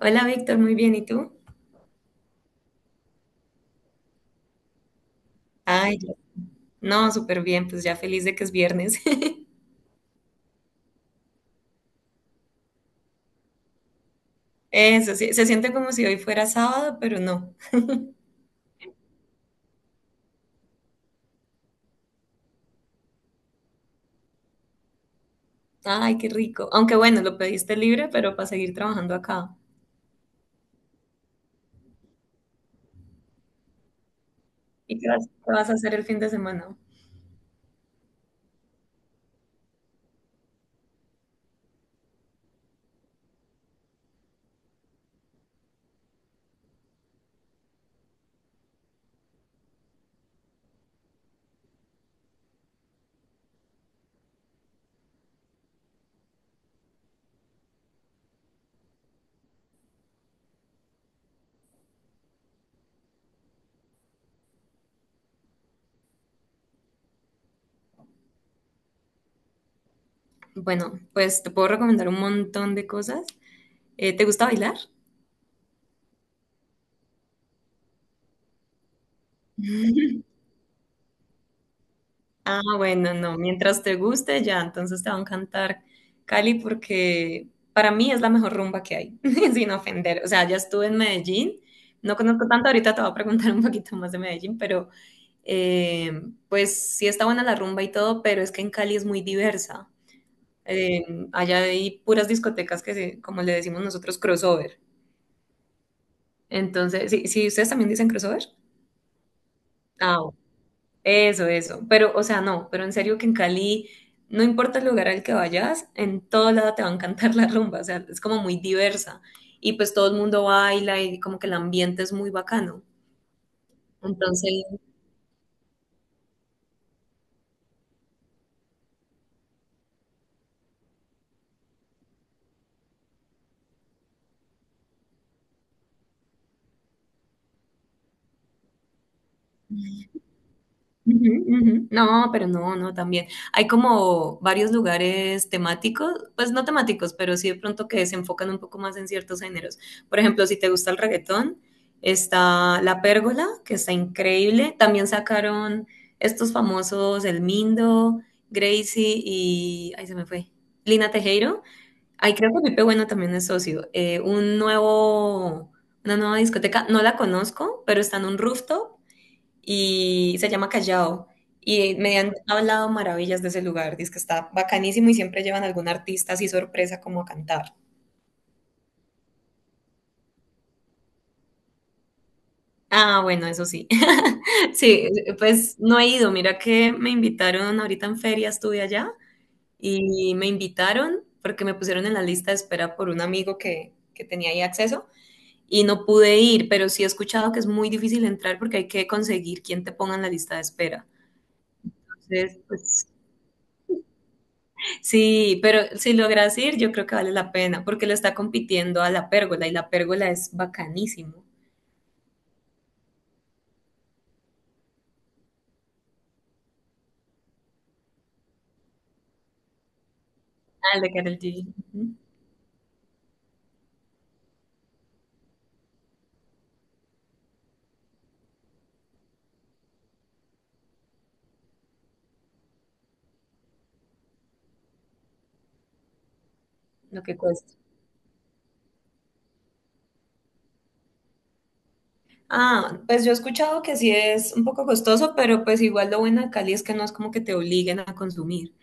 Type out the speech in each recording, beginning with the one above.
Hola Víctor, muy bien, ¿y tú? Ay, no, súper bien, pues ya feliz de que es viernes. Eso, sí, se siente como si hoy fuera sábado, pero no. Ay, qué rico. Aunque bueno, lo pediste libre, pero para seguir trabajando acá. ¿Y qué vas a hacer el fin de semana? Bueno, pues te puedo recomendar un montón de cosas. ¿Te gusta bailar? Ah, bueno, no, mientras te guste ya, entonces te va a encantar Cali porque para mí es la mejor rumba que hay, sin ofender. O sea, ya estuve en Medellín, no conozco tanto, ahorita te voy a preguntar un poquito más de Medellín, pero eh, pues sí está buena la rumba y todo, pero es que en Cali es muy diversa. Eh, allá hay puras discotecas que, como le decimos nosotros, crossover. Entonces, ¿sí, sí, ustedes también dicen crossover? Ah, eso, eso. Pero, o sea, no, pero en serio que en Cali, no importa el lugar al que vayas, en todo lado te va a encantar la rumba, o sea, es como muy diversa. Y pues todo el mundo baila y como que el ambiente es muy bacano. Entonces, ujú, ujú. No, pero no, no, también. Hay como varios lugares temáticos, pues no temáticos, pero sí de pronto que se enfocan un poco más en ciertos géneros. Por ejemplo, si te gusta el reggaetón, está La Pérgola, que está increíble. También sacaron estos famosos El Mindo, Gracie y... Ahí se me fue. Lina Tejero. Ay, creo que Pipe Bueno también es socio. Un nuevo... Una nueva discoteca, no la conozco, pero está en un rooftop y se llama Callao. Y me han hablado maravillas de ese lugar, dice que está bacanísimo y siempre llevan algún artista así sorpresa como a cantar. Ah, bueno, eso sí. Sí, pues no he ido. Mira que me invitaron ahorita en feria, estuve allá y me invitaron porque me pusieron en la lista de espera por un amigo que tenía ahí acceso y no pude ir, pero sí he escuchado que es muy difícil entrar porque hay que conseguir quien te ponga en la lista de espera. Entonces, pues sí, pero si logras ir, yo creo que vale la pena, porque lo está compitiendo a la pérgola y la pérgola es bacanísimo. Ah, el de Karol G. Ujú. Lo que cuesta. Ah, pues yo he escuchado que sí es un poco costoso, pero pues igual lo bueno de Cali es que no es como que te obliguen a consumir.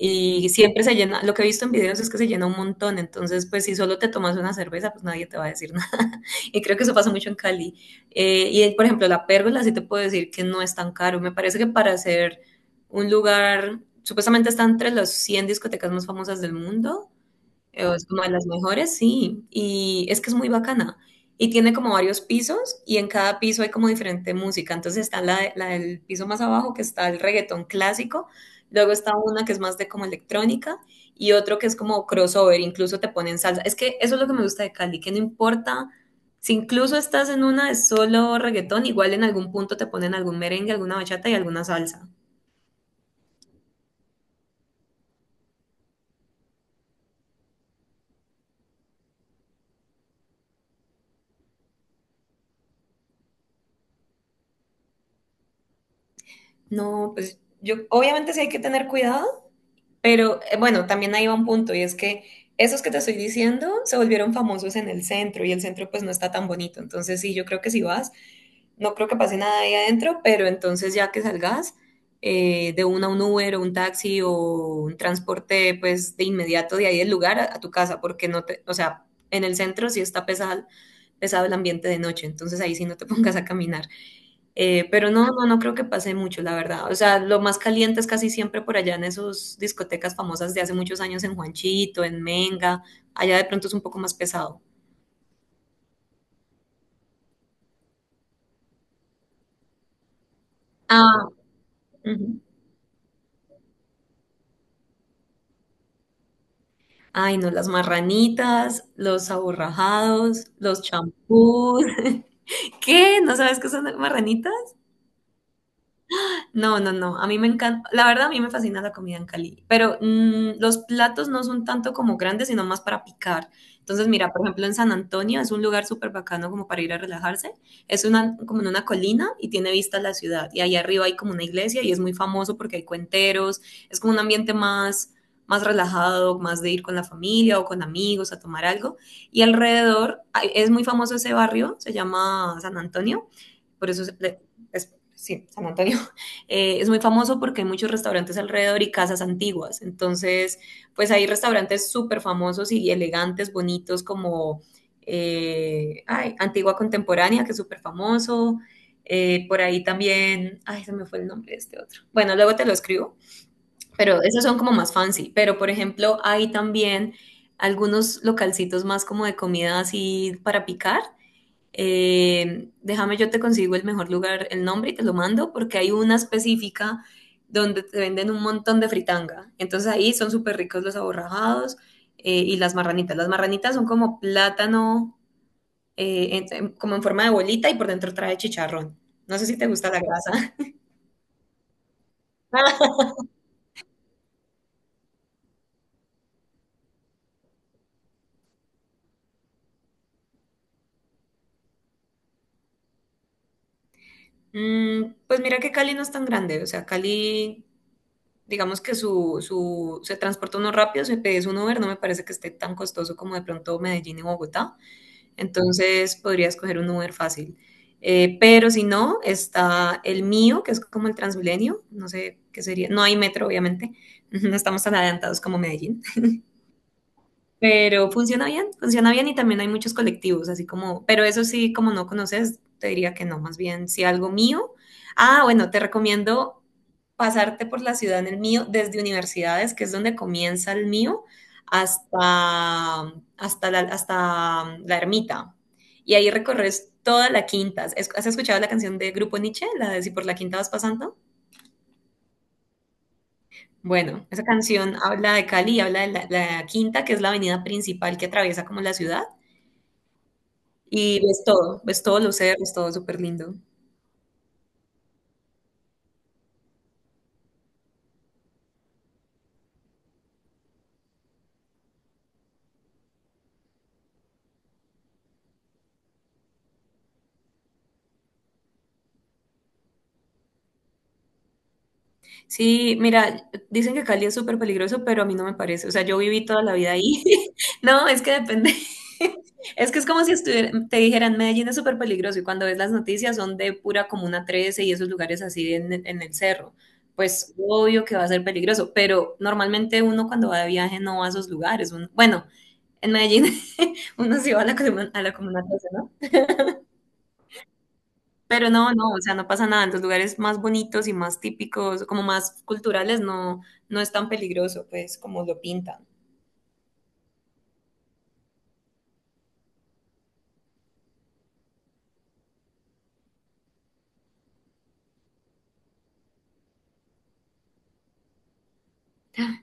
Y siempre se llena, lo que he visto en videos es que se llena un montón, entonces pues si solo te tomas una cerveza, pues nadie te va a decir nada. Y creo que eso pasa mucho en Cali. Y por ejemplo, la pérgola sí te puedo decir que no es tan caro. Me parece que para hacer un lugar, supuestamente está entre las 100 discotecas más famosas del mundo. Es como de las mejores, sí. Y es que es muy bacana. Y tiene como varios pisos y en cada piso hay como diferente música. Entonces está la del piso más abajo que está el reggaetón clásico. Luego está una que es más de como electrónica y otro que es como crossover. Incluso te ponen salsa. Es que eso es lo que me gusta de Cali, que no importa si incluso estás en una de solo reggaetón, igual en algún punto te ponen algún merengue, alguna bachata y alguna salsa. No, pues yo obviamente sí hay que tener cuidado. Pero bueno, también ahí va un punto y es que esos que te estoy diciendo se volvieron famosos en el centro y el centro pues no está tan bonito. Entonces sí, yo creo que si vas, no creo que pase nada ahí adentro, pero entonces ya que salgas de una un Uber o un taxi o un transporte pues de inmediato de ahí del lugar a tu casa, porque no te, o sea, en el centro sí está pesado, pesado el ambiente de noche, entonces ahí sí no te pongas a caminar. Pero no, no, no creo que pase mucho, la verdad. O sea, lo más caliente es casi siempre por allá en esas discotecas famosas de hace muchos años en Juanchito, en Menga. Allá de pronto es un poco más pesado. Ah, ujú. Ay, no, las marranitas, los aborrajados, los champús. ¿Qué? ¿No sabes qué son las marranitas? No, no, no. A mí me encanta, la verdad a mí me fascina la comida en Cali, pero los platos no son tanto como grandes, sino más para picar. Entonces, mira, por ejemplo, en San Antonio es un lugar súper bacano como para ir a relajarse. Es una, como en una colina y tiene vista a la ciudad. Y ahí arriba hay como una iglesia y es muy famoso porque hay cuenteros. Es como un ambiente más, más relajado, más de ir con la familia o con amigos a tomar algo. Y alrededor es muy famoso ese barrio, se llama San Antonio por eso es, sí, San Antonio es muy famoso porque hay muchos restaurantes alrededor y casas antiguas. Entonces, pues hay restaurantes súper famosos y elegantes, bonitos, como Antigua Contemporánea, que es súper famoso. Por ahí también, se me fue el nombre de este otro. Bueno, luego te lo escribo, pero esos son como más fancy. Pero, por ejemplo, hay también algunos localcitos más como de comida así para picar, déjame, yo te consigo el mejor lugar, el nombre y te lo mando, porque hay una específica donde te venden un montón de fritanga. Entonces ahí son súper ricos los aborrajados y las marranitas. Las marranitas son como plátano, como en forma de bolita y por dentro trae chicharrón. No sé si te gusta la grasa. Pues mira que Cali no es tan grande, o sea, Cali, digamos que se transporta uno rápido, si pedís un Uber, no me parece que esté tan costoso como de pronto Medellín y Bogotá. Entonces podrías escoger un Uber fácil. Pero si no, está el mío, que es como el Transmilenio, no sé qué sería, no hay metro obviamente, no estamos tan adelantados como Medellín, pero funciona bien y también hay muchos colectivos, así como, pero eso sí, como no conoces, te diría que no, más bien si algo mío. Ah, bueno, te recomiendo pasarte por la ciudad en el mío desde universidades, que es donde comienza el mío, hasta la ermita. Y ahí recorres toda la quinta. ¿Has escuchado la canción de Grupo Nietzsche, la de Si por la quinta vas pasando? Bueno, esa canción habla de Cali y habla de la quinta, que es la avenida principal que atraviesa como la ciudad. Y ves todo, ves todos los cerros, todo súper lindo. Sí, mira, dicen que Cali es súper peligroso, pero a mí no me parece. O sea, yo viví toda la vida ahí. No, es que depende. Es que es como si estuviera, te dijeran, Medellín es súper peligroso y cuando ves las noticias son de pura Comuna 13 y esos lugares así en el cerro. Pues obvio que va a ser peligroso, pero normalmente uno cuando va de viaje no va a esos lugares. Bueno, en Medellín uno sí va a la Comuna 13, pero no, no, o sea, no pasa nada. En los lugares más bonitos y más típicos, como más culturales, no, no es tan peligroso, pues, como lo pintan.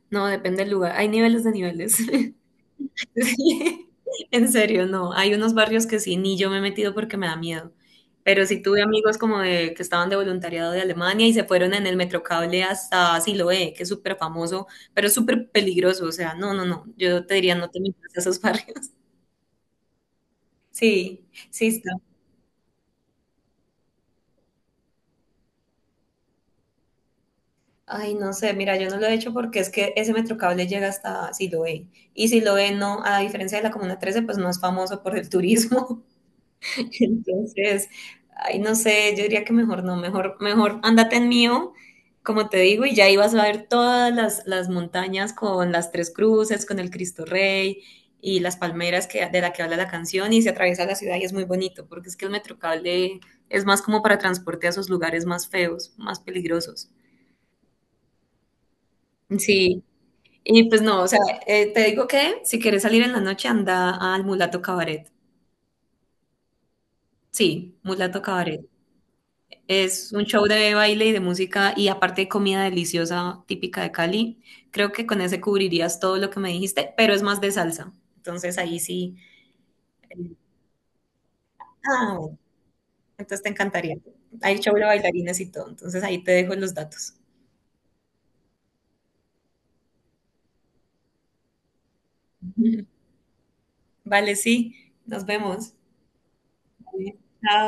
No, depende del lugar. Hay niveles de niveles. Sí. En serio, no. Hay unos barrios que sí, ni yo me he metido porque me da miedo. Pero sí tuve amigos como de que estaban de voluntariado de Alemania y se fueron en el Metrocable hasta Siloé, que es súper famoso, pero es súper peligroso. O sea, no, no, no. Yo te diría, no te metas a esos barrios. Sí, sí, está. Ay, no sé, mira, yo no lo he hecho porque es que ese metrocable llega hasta Siloé. Y Siloé no, a diferencia de la Comuna 13, pues no es famoso por el turismo. Entonces, ay, no sé, yo diría que mejor no, mejor, mejor ándate en mío, como te digo, y ya ibas a ver todas las montañas con las tres cruces, con el Cristo Rey y las palmeras de la que habla la canción y se atraviesa la ciudad y es muy bonito, porque es que el metrocable es más como para transporte a esos lugares más feos, más peligrosos. Sí. Y pues no, o sea, te digo que si quieres salir en la noche, anda al Mulato Cabaret. Sí, Mulato Cabaret. Es un show de baile y de música y aparte de comida deliciosa típica de Cali. Creo que con ese cubrirías todo lo que me dijiste, pero es más de salsa. Entonces ahí sí. eh, Ah, bueno, entonces te encantaría. Hay show de bailarines y todo. Entonces ahí te dejo los datos. Vale, sí. Nos vemos. Vale, chao.